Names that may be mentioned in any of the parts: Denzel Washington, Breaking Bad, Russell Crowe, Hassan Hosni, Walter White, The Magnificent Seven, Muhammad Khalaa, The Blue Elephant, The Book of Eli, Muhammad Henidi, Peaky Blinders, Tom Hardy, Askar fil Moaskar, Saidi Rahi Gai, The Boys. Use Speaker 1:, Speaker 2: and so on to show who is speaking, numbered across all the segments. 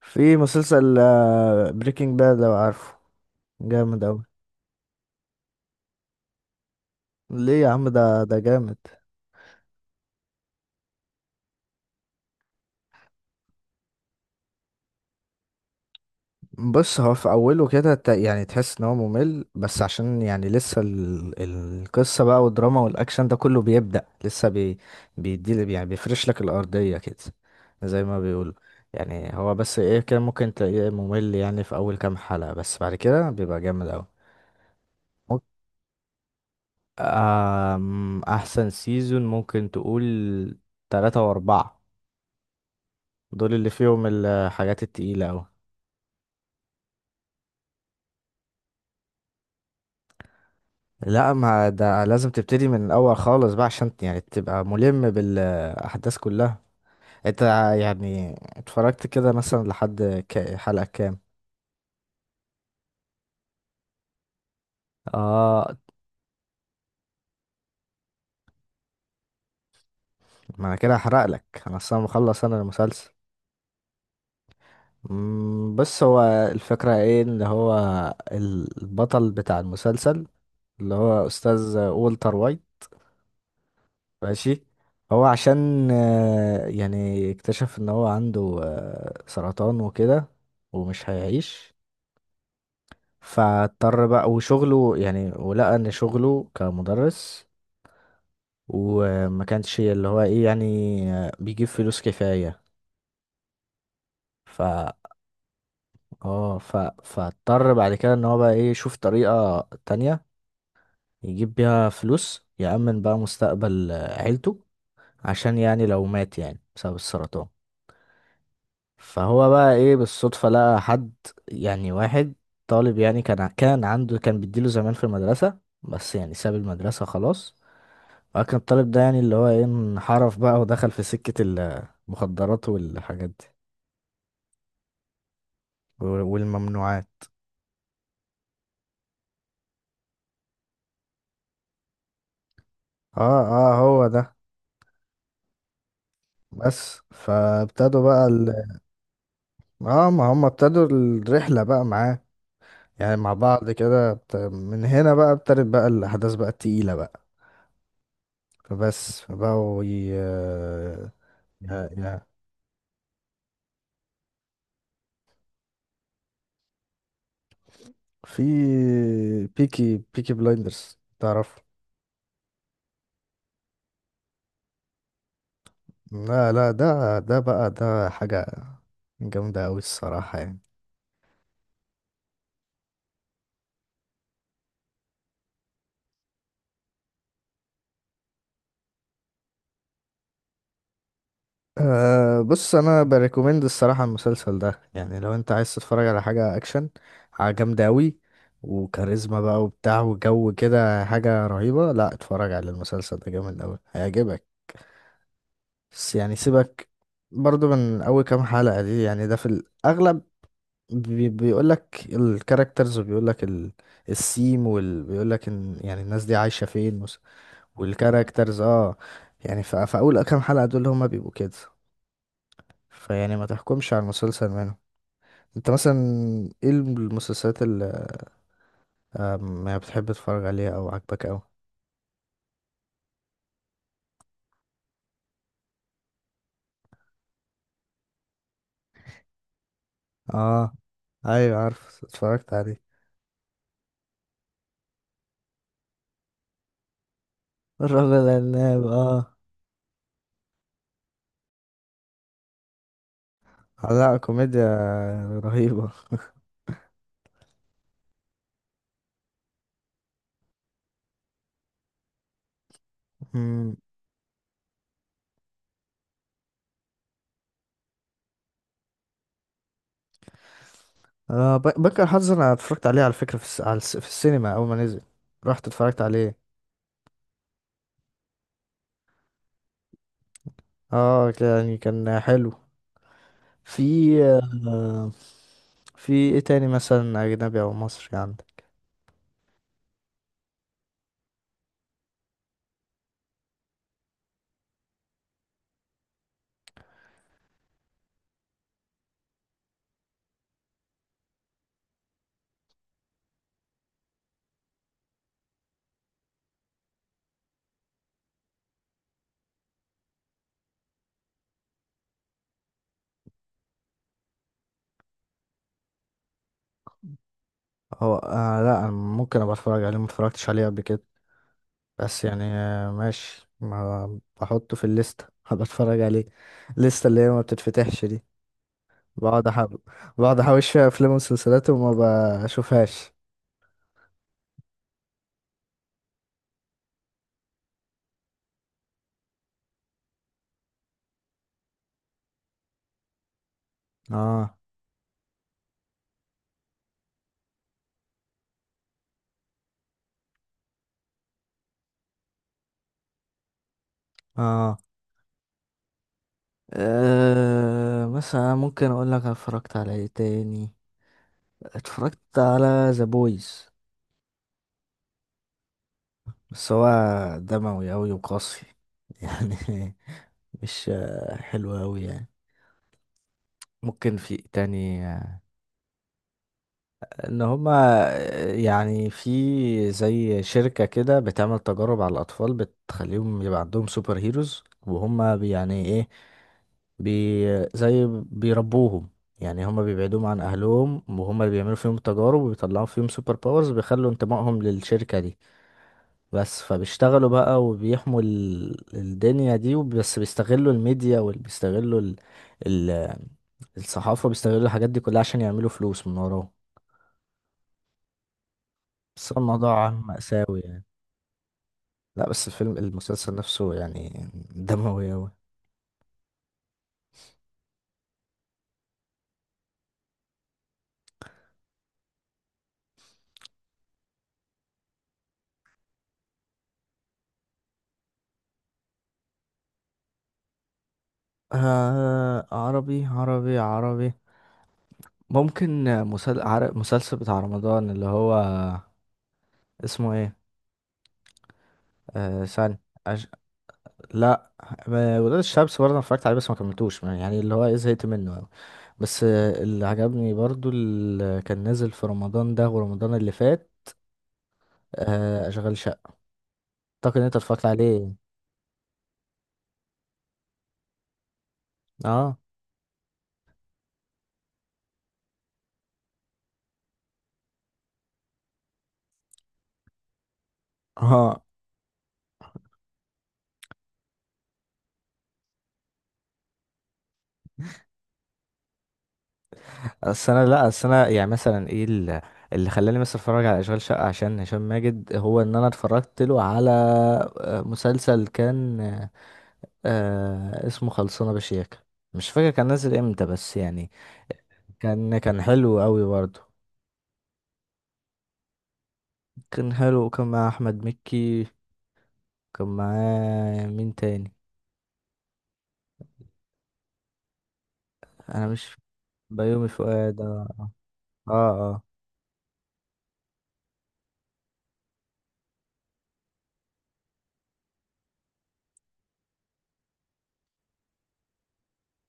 Speaker 1: في مسلسل بريكنج باد، لو عارفه. جامد اوي. ليه يا عم؟ ده جامد. بص، هو في اوله كده يعني تحس ان هو ممل، بس عشان يعني لسه القصه بقى، والدراما والاكشن ده كله بيبدأ لسه بيدي، يعني بيفرش لك الارضيه كده، زي ما بيقولوا. يعني هو بس ايه، كده ممكن تلاقيه ممل يعني في اول كام حلقه، بس بعد كده بيبقى جامد اوي. ممكن- احسن سيزون ممكن تقول تلاتة واربعة. دول اللي فيهم الحاجات التقيلة أوي. لا، ما ده لازم تبتدي من الأول خالص بقى، عشان يعني تبقى ملم بالأحداث كلها. انت يعني اتفرجت كده مثلا لحد حلقة كام؟ اه، ما انا كده هحرق لك، انا اصلا مخلص انا المسلسل. بص، هو الفكرة ايه، ان هو البطل بتاع المسلسل، اللي هو استاذ والتر وايت، ماشي. هو عشان يعني اكتشف ان هو عنده سرطان وكده، ومش هيعيش. فاضطر بقى، وشغله يعني، ولقى ان شغله كمدرس وما كانش اللي هو ايه، يعني بيجيب فلوس كفاية. ف اه ف فاضطر بعد كده ان هو بقى ايه، يشوف طريقة تانية يجيب بيها فلوس، يأمن بقى مستقبل عيلته، عشان يعني لو مات يعني بسبب السرطان. فهو بقى ايه، بالصدفة لقى حد، يعني واحد طالب، يعني كان عنده، كان بيديله زمان في المدرسة، بس يعني ساب المدرسة خلاص. فكان الطالب ده، يعني اللي هو ايه، انحرف بقى ودخل في سكة المخدرات والحاجات دي، والممنوعات. اه اه، هو ده. بس فابتدوا بقى اه، ما هم ابتدوا الرحلة بقى معاه، يعني مع بعض كده من هنا بقى ابتدت بقى الأحداث بقى التقيلة بقى. فبس بقوا يا- في بيكي بيكي بلايندرز، تعرف؟ لا لا، ده بقى، ده حاجة جامدة أوي الصراحة يعني. أه، بص، أنا بريكومند الصراحة المسلسل ده يعني، لو أنت عايز تتفرج على حاجة أكشن، حاجة جامدة أوي، وكاريزما بقى وبتاع وجو كده، حاجة رهيبة. لا اتفرج على المسلسل ده، جامد أوي، هيعجبك. بس يعني سيبك برضو من أول كام حلقة دي، يعني ده في الأغلب بيقول لك الكاركترز، وبيقول لك السيم بيقول لك ان يعني الناس دي عايشة فين والكاركترز، اه. يعني فاول كام حلقة دول هما بيبقوا كده، فيعني ما تحكمش على المسلسل منهم. انت مثلا ايه المسلسلات اللي يعني بتحب تتفرج عليها او عاجبك اوي؟ اه، ايوه، عارف، اتفرجت عليه. الرجل العناب، اه. لا، كوميديا رهيبة. مم. آه، بنكر حظ، انا اتفرجت عليه على فكرة في السينما اول ما نزل، رحت اتفرجت عليه. اه يعني كان حلو. في، آه، في ايه تاني مثلا، اجنبي او مصري، عندك؟ هو آه، لا، انا ممكن ابقى اتفرج عليه، ما اتفرجتش عليه قبل كده. بس يعني آه ماشي، ما بحطه في الليستة هبقى اتفرج عليه. الليستة اللي هي ما بتتفتحش دي، بقعد احب، بقعد احوش فيها افلام ومسلسلات وما بشوفهاش. اه اه أه مثلا ممكن اقول لك أنا اتفرجت على ايه تاني. اتفرجت على ذا بويز، بس هو دموي اوي وقاسي. يعني مش آه، حلو اوي يعني. ممكن في إيه تاني. ان هما يعني في زي شركة كده بتعمل تجارب على الاطفال، بتخليهم يبقى عندهم سوبر هيروز، وهما يعني ايه، بي زي بيربوهم يعني، هما بيبعدوهم عن اهلهم، وهما اللي بيعملوا فيهم تجارب وبيطلعوا فيهم سوبر باورز، بيخلوا انتمائهم للشركة دي بس. فبيشتغلوا بقى وبيحموا الدنيا دي، بس بيستغلوا الميديا وبيستغلوا ال- الصحافة، بيستغلوا الحاجات دي كلها عشان يعملوا فلوس من وراهم. بس هو الموضوع مأساوي يعني. لا، بس الفيلم، المسلسل نفسه يعني، دموي أوي. آه، عربي عربي عربي، ممكن مسلسل بتاع رمضان، اللي هو اسمه ايه، آه، ثاني، أش... لا، ولاد الشمس برضه انا اتفرجت عليه، بس ما كملتوش، يعني اللي هو ايه، زهقت منه أوي. بس آه، اللي عجبني برضه اللي كان نازل في رمضان ده ورمضان اللي فات، آه، اشغال شقة. اعتقد إن انت اتفرجت عليه. اه اه. اصل انا، لا، اصل انا يعني مثلا ايه، اللي خلاني مثلا اتفرج على اشغال شقه عشان هشام ماجد، هو ان انا اتفرجت له على آه، مسلسل كان آه، اسمه خلصانه بشياكه، مش فاكر كان نازل امتى، بس يعني كان حلو قوي برضه، كان حلو، وكان مع احمد مكي. كان معاه مين تاني؟ انا مش، بيومي فؤاد، اه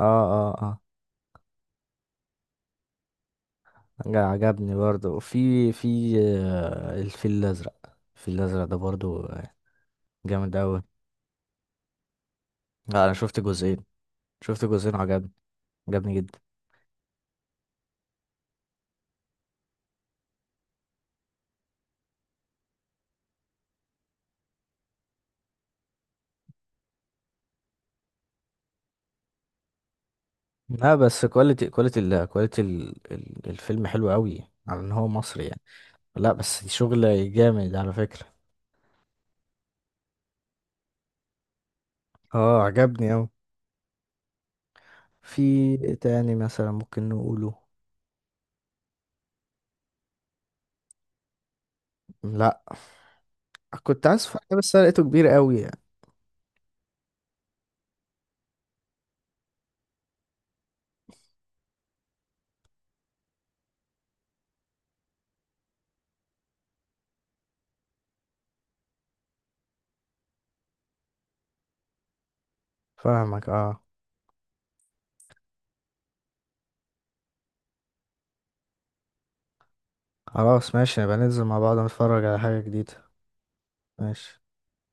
Speaker 1: اه اه اه عجبني برضه في آه، الفيل الازرق، الفيل الازرق ده برضه جامد أوي. لا، أنا شفت جزئين، شفت جزئين وعجبني، عجبني جدا. لا، بس كواليتي، كواليتي ال كواليتي ال ال الفيلم حلو أوي على إن هو مصري يعني. لا، بس شغل جامد على فكرة. اه، عجبني أوي. في إيه تاني مثلا ممكن نقوله؟ لا، كنت عايز أتفرج عليه بس أنا لقيته كبير أوي يعني. فاهمك، اه. خلاص، ماشي، نبقى ننزل مع بعض نتفرج على حاجة جديدة. ماشي.